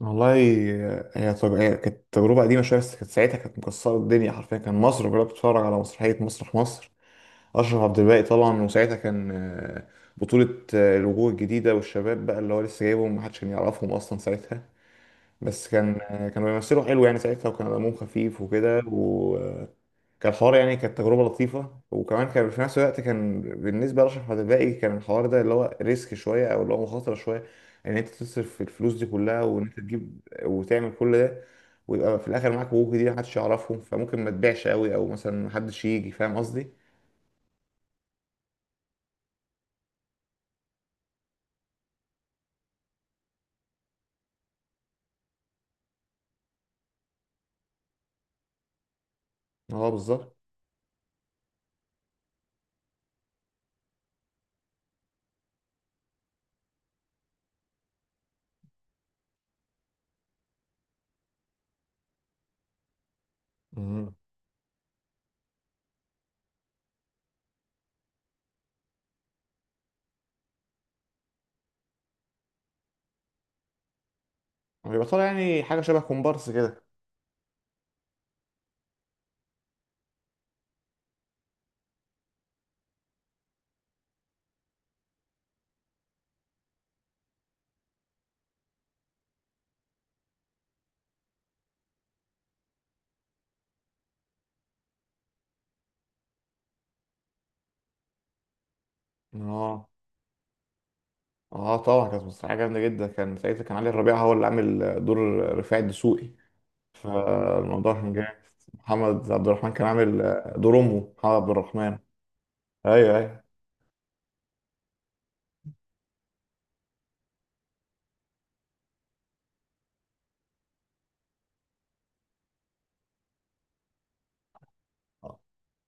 والله، طب هي كانت تجربة قديمة شوية، بس كانت ساعتها، كانت مكسرة الدنيا حرفيا. كان مصر كلها بتتفرج على مسرحية مسرح مصر. أشرف عبد الباقي طبعا، وساعتها كان بطولة الوجوه الجديدة والشباب، بقى اللي هو لسه جايبهم، محدش كان يعرفهم أصلا ساعتها. بس كان كانوا بيمثلوا حلو يعني ساعتها، وكان دمهم خفيف وكده، وكان الحوار، يعني كانت تجربة لطيفة. وكمان كان في نفس الوقت، كان بالنسبة لأشرف عدلائي، كان الحوار ده اللي هو ريسك شوية، أو اللي هو مخاطرة شوية. إن أنت تصرف الفلوس دي كلها، وإن أنت تجيب وتعمل كل ده، ويبقى في الآخر معاك وجوه دي محدش يعرفهم، فممكن ما تبيعش قوي، أو مثلا محدش يجي. فاهم قصدي؟ اه بالظبط. مم. ويبقى طالع يعني حاجة شبه كومبارس كده. اه، اه طبعا. كانت مسرحيه جامده جدا. كان ساعتها، كان علي الربيع هو اللي عامل دور رفاعي الدسوقي. فالموضوع كان جامد. محمد عبد الرحمن كان عامل دور امه، محمد عبد الرحمن. ايوه، ايوه.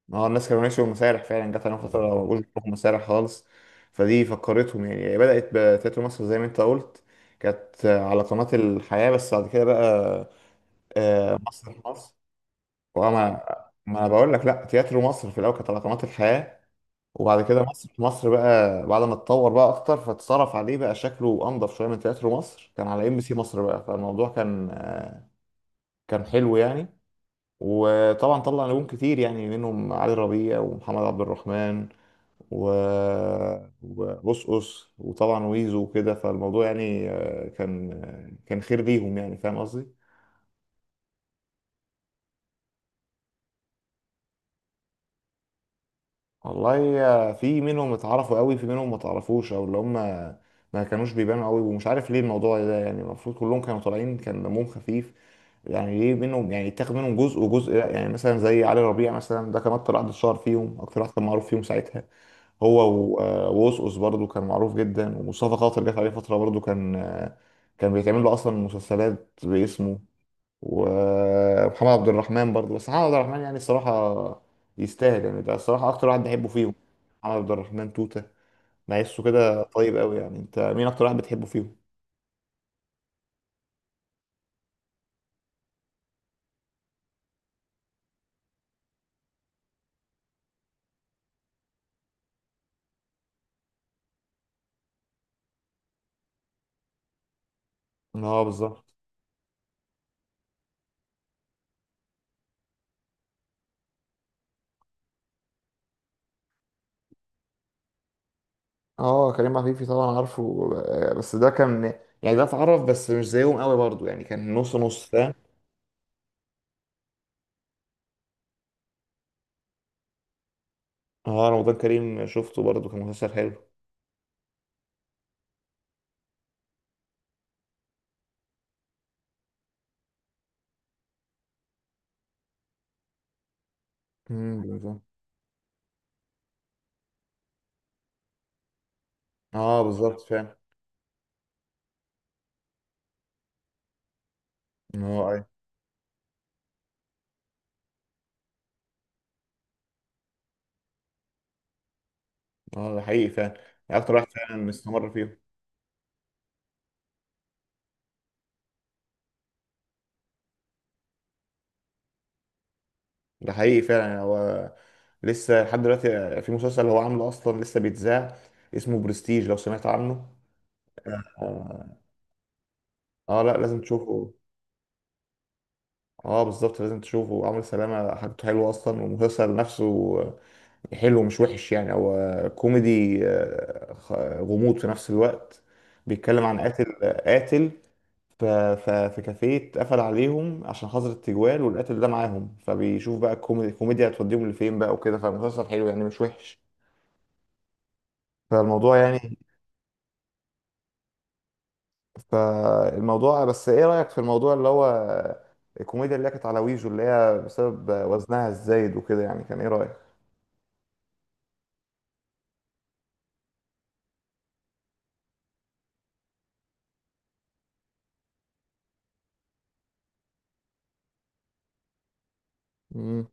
ما هو الناس كانوا ماشيين مسارح فعلا، جت عليهم فتره ما بقوش بيروحوا مسارح خالص. فدي فكرتهم. يعني هي بدات بتياترو مصر زي ما انت قلت، كانت على قناه الحياه. بس بعد كده بقى مسرح مصر. وما ما انا بقول لك، لا، تياترو مصر في الاول كانت على قناه الحياه، وبعد كده مصر مصر بقى، بعد ما اتطور بقى اكتر، فاتصرف عليه بقى، شكله انضف شويه من تياترو مصر، كان على ام بي سي مصر بقى. فالموضوع كان حلو يعني. وطبعا طلع نجوم كتير، يعني منهم علي ربيع، ومحمد عبد الرحمن، و وبوسقوس، وطبعا ويزو وكده. فالموضوع يعني كان خير ليهم يعني. فاهم قصدي؟ والله في منهم اتعرفوا قوي، في منهم ما تعرفوش، او اللي هم ما كانوش بيبانوا قوي، ومش عارف ليه الموضوع ده. يعني المفروض كلهم كانوا طالعين، كان دمهم خفيف. يعني ليه منهم، يعني اتاخد منهم جزء وجزء لا؟ يعني مثلا زي علي ربيع مثلا، ده كان اكتر واحد اتشهر فيهم، اكتر واحد كان معروف فيهم ساعتها. هو ووسوس برضه كان معروف جدا. ومصطفى خاطر جت عليه فتره برضه، كان بيتعمل له اصلا مسلسلات باسمه. ومحمد عبد الرحمن برضه. بس محمد عبد الرحمن، يعني الصراحة يستاهل، يعني ده الصراحة أكتر واحد بحبه فيهم. محمد عبد الرحمن توتة، بحسه كده طيب قوي. يعني أنت مين أكتر واحد بتحبه فيهم؟ اه بالظبط. اه كريم عفيفي طبعا عارفه. بس ده كان يعني، ده اتعرف، بس مش زيهم قوي برضه. يعني كان نص نص، فاهم. اه رمضان كريم، شفته برضه كان مسلسل حلو. بالظبط. اه بالظبط فعلا. اه ايوه. اه ده حقيقي فعلا. يعني اكتر واحد فعلا مستمر فيهم. ده حقيقي فعلا. يعني هو لسه لحد دلوقتي في مسلسل هو عامله اصلا لسه بيتذاع، اسمه برستيج، لو سمعت عنه. اه. لا لازم تشوفه. اه بالظبط، لازم تشوفه. عمرو سلامه حاجته حلوه اصلا، والمسلسل نفسه حلو، مش وحش يعني. هو كوميدي، غموض في نفس الوقت. بيتكلم عن قاتل. قاتل ف- ف- في كافيه اتقفل عليهم عشان حظر التجوال، والقاتل ده معاهم. فبيشوف بقى الكوميديا هتوديهم لفين بقى وكده. فالمسلسل حلو يعني، مش وحش. فالموضوع يعني فالموضوع، بس ايه رأيك في الموضوع اللي هو الكوميديا اللي هي كانت على ويجو، اللي هي بسبب وزنها الزايد وكده؟ يعني كان ايه رأيك؟ مم.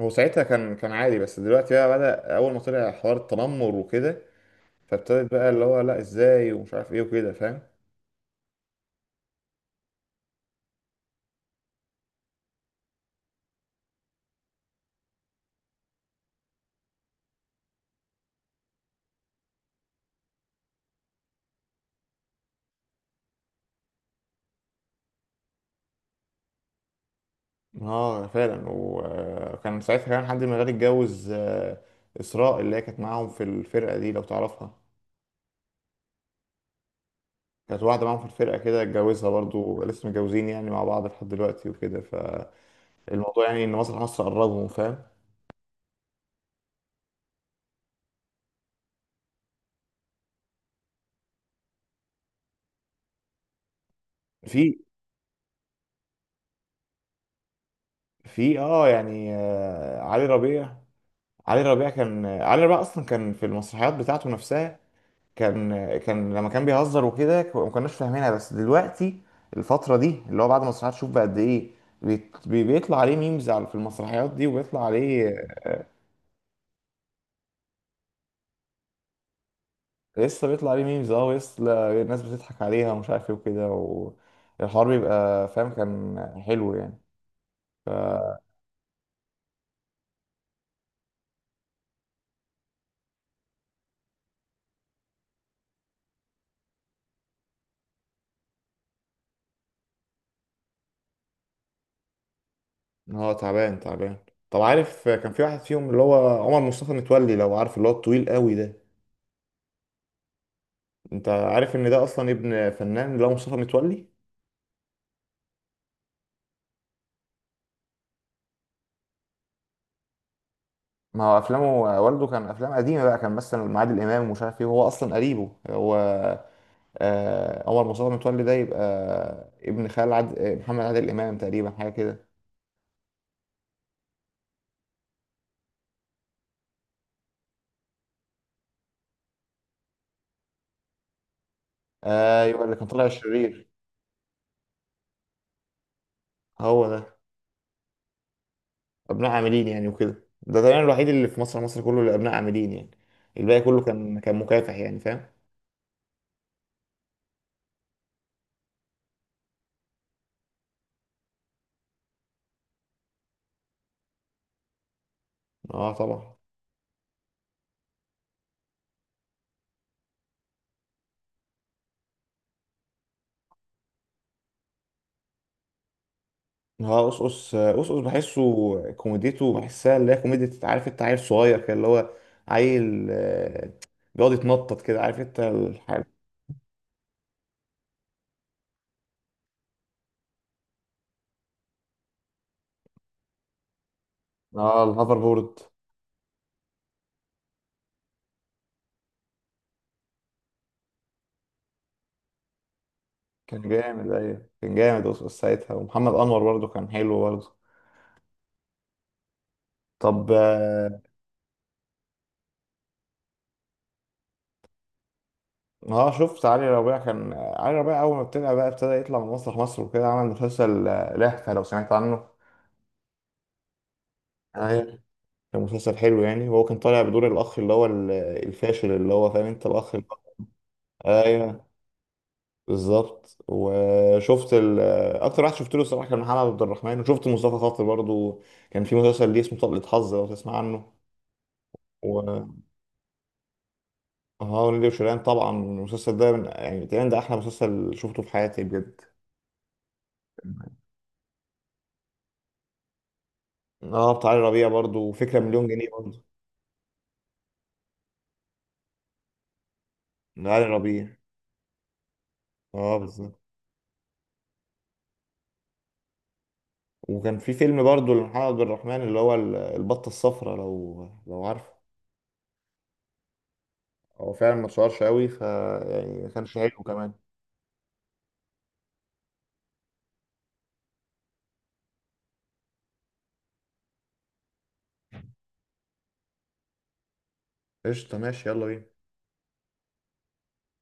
هو ساعتها كان عادي، بس دلوقتي بقى بدأ أول ما طلع حوار التنمر وكده، فابتدت بقى اللي هو لا ازاي، ومش عارف ايه وكده، فاهم؟ اه فعلا. وكان ساعتها كمان حد من الغني اتجوز إسراء، اللي هي كانت معاهم في الفرقة دي، لو تعرفها. كانت واحدة معاهم في الفرقة كده، اتجوزها برضو، لسه متجوزين يعني مع بعض لحد دلوقتي وكده. الموضوع يعني ان مسرح مصر قربهم، فاهم. في في اه يعني علي ربيع. علي ربيع كان، علي ربيع اصلا كان في المسرحيات بتاعته نفسها. كان لما كان بيهزر وكده، ما كناش فاهمينها. بس دلوقتي الفترة دي اللي هو بعد مسرحيات، شوف بقى قد ايه بيطلع عليه ميمز في المسرحيات دي، وبيطلع عليه. لسه بيطلع عليه ميمز اه، ولسه الناس بتضحك عليها، ومش عارف ايه وكده. والحوار بيبقى فاهم، كان حلو يعني. اه تعبان تعبان. طب عارف كان في واحد فيهم اللي هو عمر مصطفى متولي، لو عارف اللي هو الطويل قوي ده؟ انت عارف ان ده اصلا ابن فنان، اللي هو مصطفى متولي. ما هو افلامه، والده كان افلام قديمه بقى، كان مثلا مع عادل امام، ومش عارف ايه. وهو اصلا قريبه هو. آه عمر مصطفى متولي ده يبقى ابن خال محمد عادل امام تقريبا، حاجه كده. آه يبقى اللي كان طالع الشرير. هو ده. ابناء عاملين يعني وكده، ده تقريبا الوحيد اللي في مصر مصر كله اللي ابناء عاملين يعني. الباقي كله كان مكافح يعني، فاهم. اه طبعا. اه قصقص قصقص بحسه. كوميديته بحسها اللي هي كوميديا، انت عارف، انت عيل صغير كده، اللي هو عيل، بيقعد يتنطط كده، عارف انت الحاجة. اه الهافر بورد. كان جامد، ايوه كان جامد قصقص ساعتها. ومحمد انور برضه كان حلو برضه. طب اه. شفت علي ربيع كان. علي ربيع اول ما ابتدى بقى، ابتدى يطلع من مسرح مصر وكده، عمل مسلسل لهفة، لو سمعت عنه. ايوه كان مسلسل حلو يعني. وهو كان طالع بدور الاخ اللي هو الفاشل، اللي هو فاهم انت الاخ. ايوه بالظبط. وشفت اكتر واحد شفت له الصراحه كان محمد عبد الرحمن، وشفت مصطفى خاطر برضو كان في مسلسل ليه اسمه طلقة حظ، لو تسمع عنه. و اه نيلي وشيرين طبعا. المسلسل ده يعني تقريبا ده احلى مسلسل شفته في حياتي بجد. اه بتاع علي ربيع برضو، وفكرة مليون جنيه برضو. علي ربيع اه بالظبط. وكان في فيلم برضو لمحمد عبد الرحمن اللي هو البطة الصفراء، لو عارفه. هو فعلا ما اتشهرش قوي، يعني ما كانش حلو كمان. قشطة ماشي، يلا بينا.